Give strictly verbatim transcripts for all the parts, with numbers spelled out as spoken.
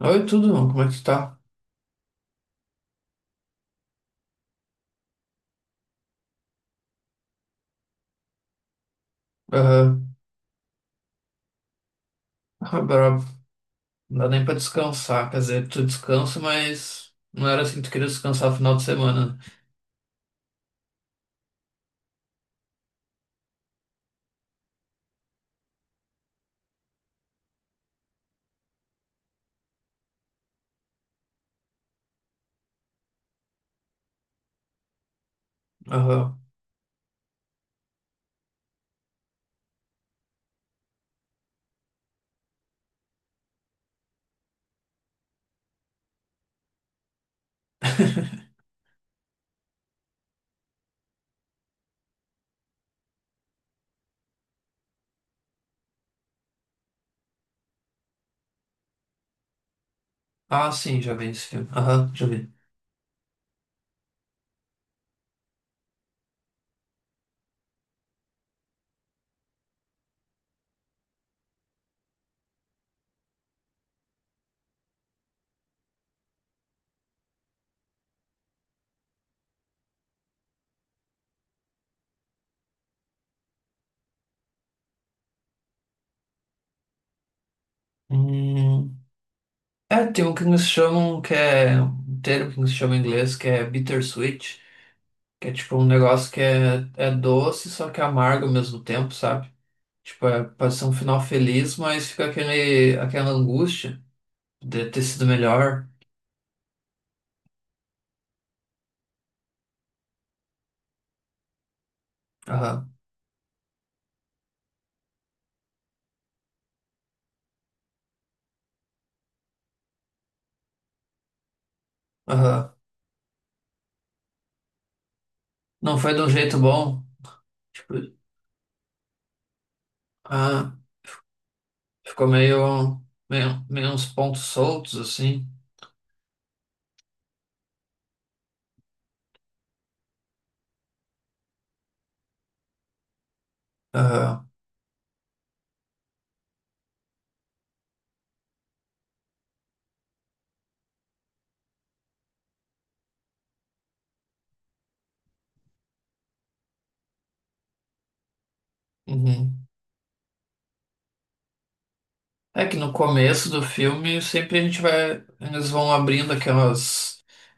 Oi, tudo bom? Como é que tu tá? Aham. Ah, brabo. Não dá nem pra descansar. Quer dizer, tu descansa, mas não era assim que tu queria descansar no final de semana, né? Aham. Ah, sim, já vi esse filme. Aham, já vi. Hum. É, tem um que eles chamam, que é um termo que eles chamam em inglês, que é bittersweet, que é tipo um negócio que é, é doce, só que amargo ao mesmo tempo, sabe? Tipo, é, pode ser um final feliz, mas fica aquele, aquela angústia de ter sido melhor. Aham, aham. Não foi de um jeito bom. Tipo, ah, ficou meio, meio, meio uns pontos soltos, assim. Aham. Uhum. É que no começo do filme sempre a gente vai. Eles vão abrindo aquelas.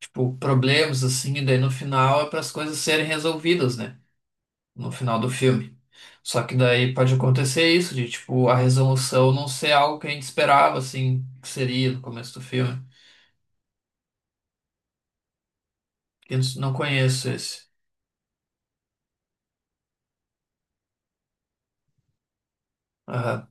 Tipo, problemas, assim, e daí no final é para as coisas serem resolvidas, né? No final do filme. Só que daí pode acontecer isso, de tipo, a resolução não ser algo que a gente esperava, assim, que seria no começo do filme. Eu não conheço esse. Aham.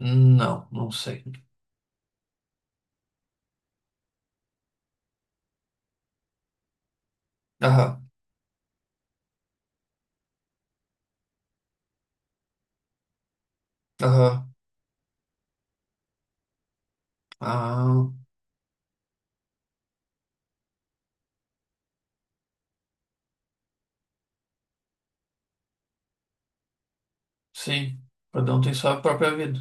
Não, não sei. Aham. Aham. Ah, sim. Cada um tem sua própria vida.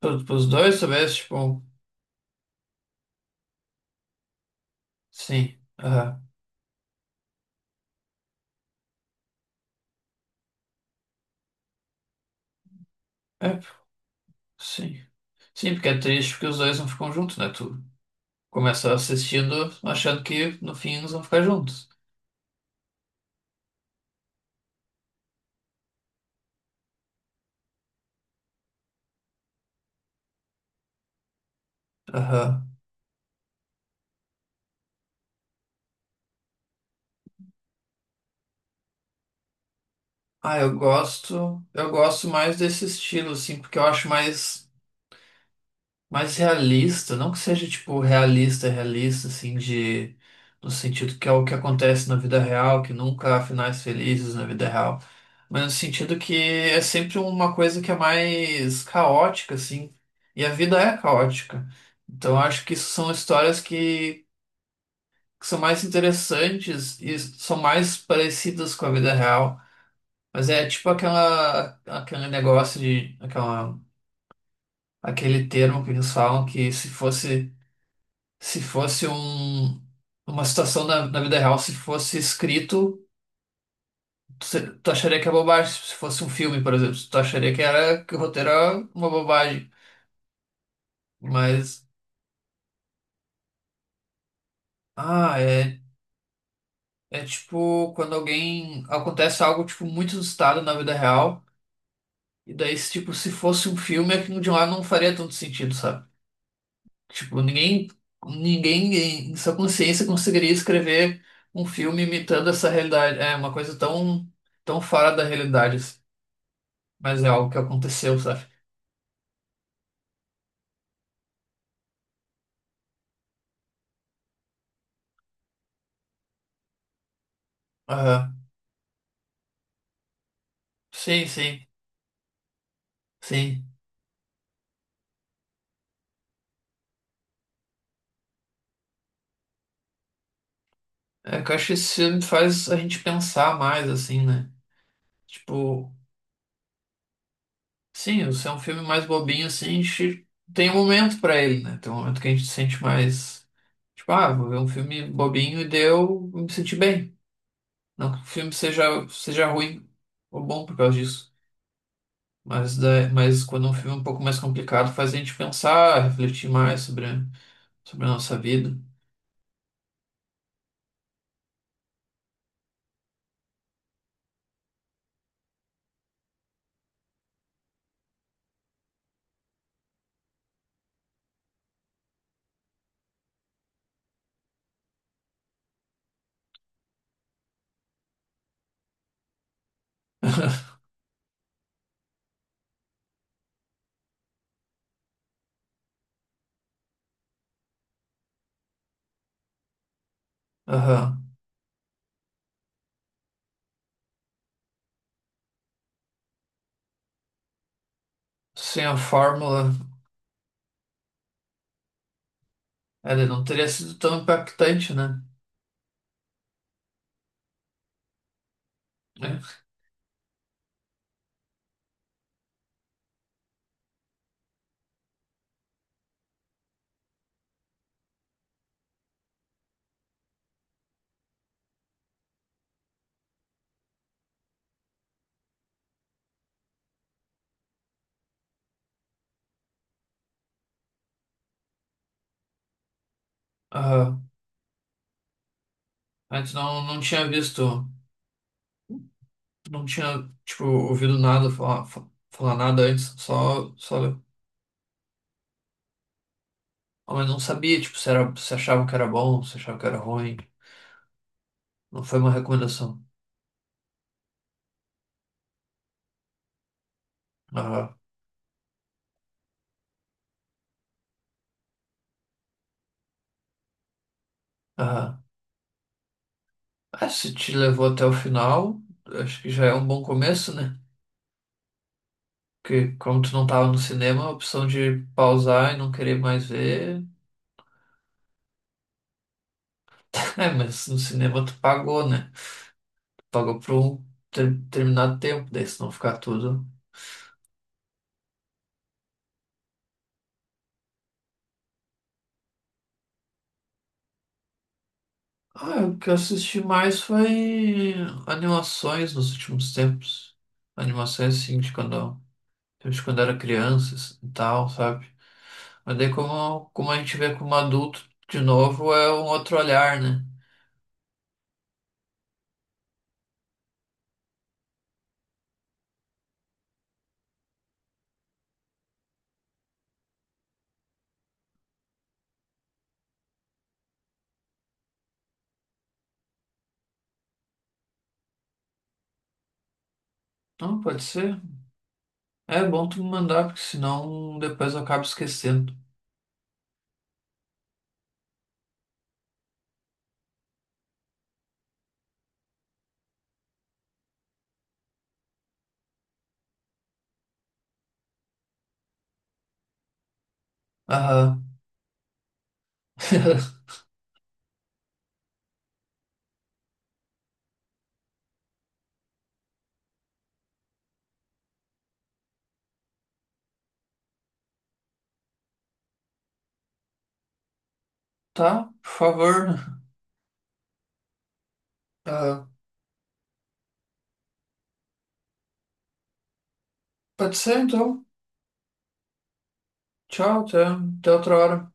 Para os dois, talvez, tipo, sim. Aham. É, sim. Sim, porque é triste porque os dois não ficam juntos, né? Tu começa assistindo achando que no fim eles vão ficar juntos. Aham. Ah, eu gosto. Eu gosto mais desse estilo, assim, porque eu acho mais. Mais realista, não que seja tipo realista, realista, assim, de no sentido que é o que acontece na vida real, que nunca há finais felizes na vida real, mas no sentido que é sempre uma coisa que é mais caótica, assim, e a vida é caótica. Então eu acho que isso são histórias que, que são mais interessantes e são mais parecidas com a vida real. Mas é tipo aquela, aquele negócio de, aquela, aquele termo que eles falam que se fosse se fosse um, uma situação na, na vida real, se fosse escrito, tu, se- tu acharia que é bobagem. Se fosse um filme, por exemplo, tu acharia que era que o roteiro era uma bobagem. Mas, ah, é, é tipo quando alguém acontece algo tipo muito inusitado na vida real, e daí, se, tipo, se fosse um filme, aquilo de lá não faria tanto sentido, sabe? Tipo, ninguém, ninguém em sua consciência conseguiria escrever um filme imitando essa realidade. É uma coisa tão, tão fora da realidade, assim. Mas é algo que aconteceu, sabe? Aham. Sim, sim, sim. É que eu acho que esse filme faz a gente pensar mais, assim, né? Tipo, sim, se é um filme mais bobinho, assim, a gente tem um momento pra ele, né? Tem um momento que a gente se sente mais. Tipo, ah, vou ver um filme bobinho e deu, me senti bem. Não que o filme seja, seja ruim ou bom por causa disso. Mas, da- mas quando é um filme é um pouco mais complicado, faz a gente pensar, refletir mais sobre, sobre a nossa vida. Aham. Sem a fórmula, ela não teria sido tão impactante, né? É. Aham. Antes não, não tinha visto, não tinha, tipo, ouvido nada falar, fa- falar nada antes, só, só, ah, mas não sabia, tipo, se era, se achava que era bom, se achava que era ruim. Não foi uma recomendação. Aham. Aham. Ah, é, se te levou até o final, acho que já é um bom começo, né? Porque como tu não tava no cinema, a opção de pausar e não querer mais ver. É, mas no cinema tu pagou, né? Pagou por um ter- determinado tempo, daí se não ficar tudo. Ah, o que eu assisti mais foi animações nos últimos tempos. Animações assim de quando, de quando era criança assim, e tal, sabe? Mas daí como, como a gente vê como adulto de novo é um outro olhar, né? Não, pode ser. É bom tu me mandar, porque senão depois eu acabo esquecendo. Aham. Tá, por favor. Aham. Pode ser então. Tchau, até, até outra hora.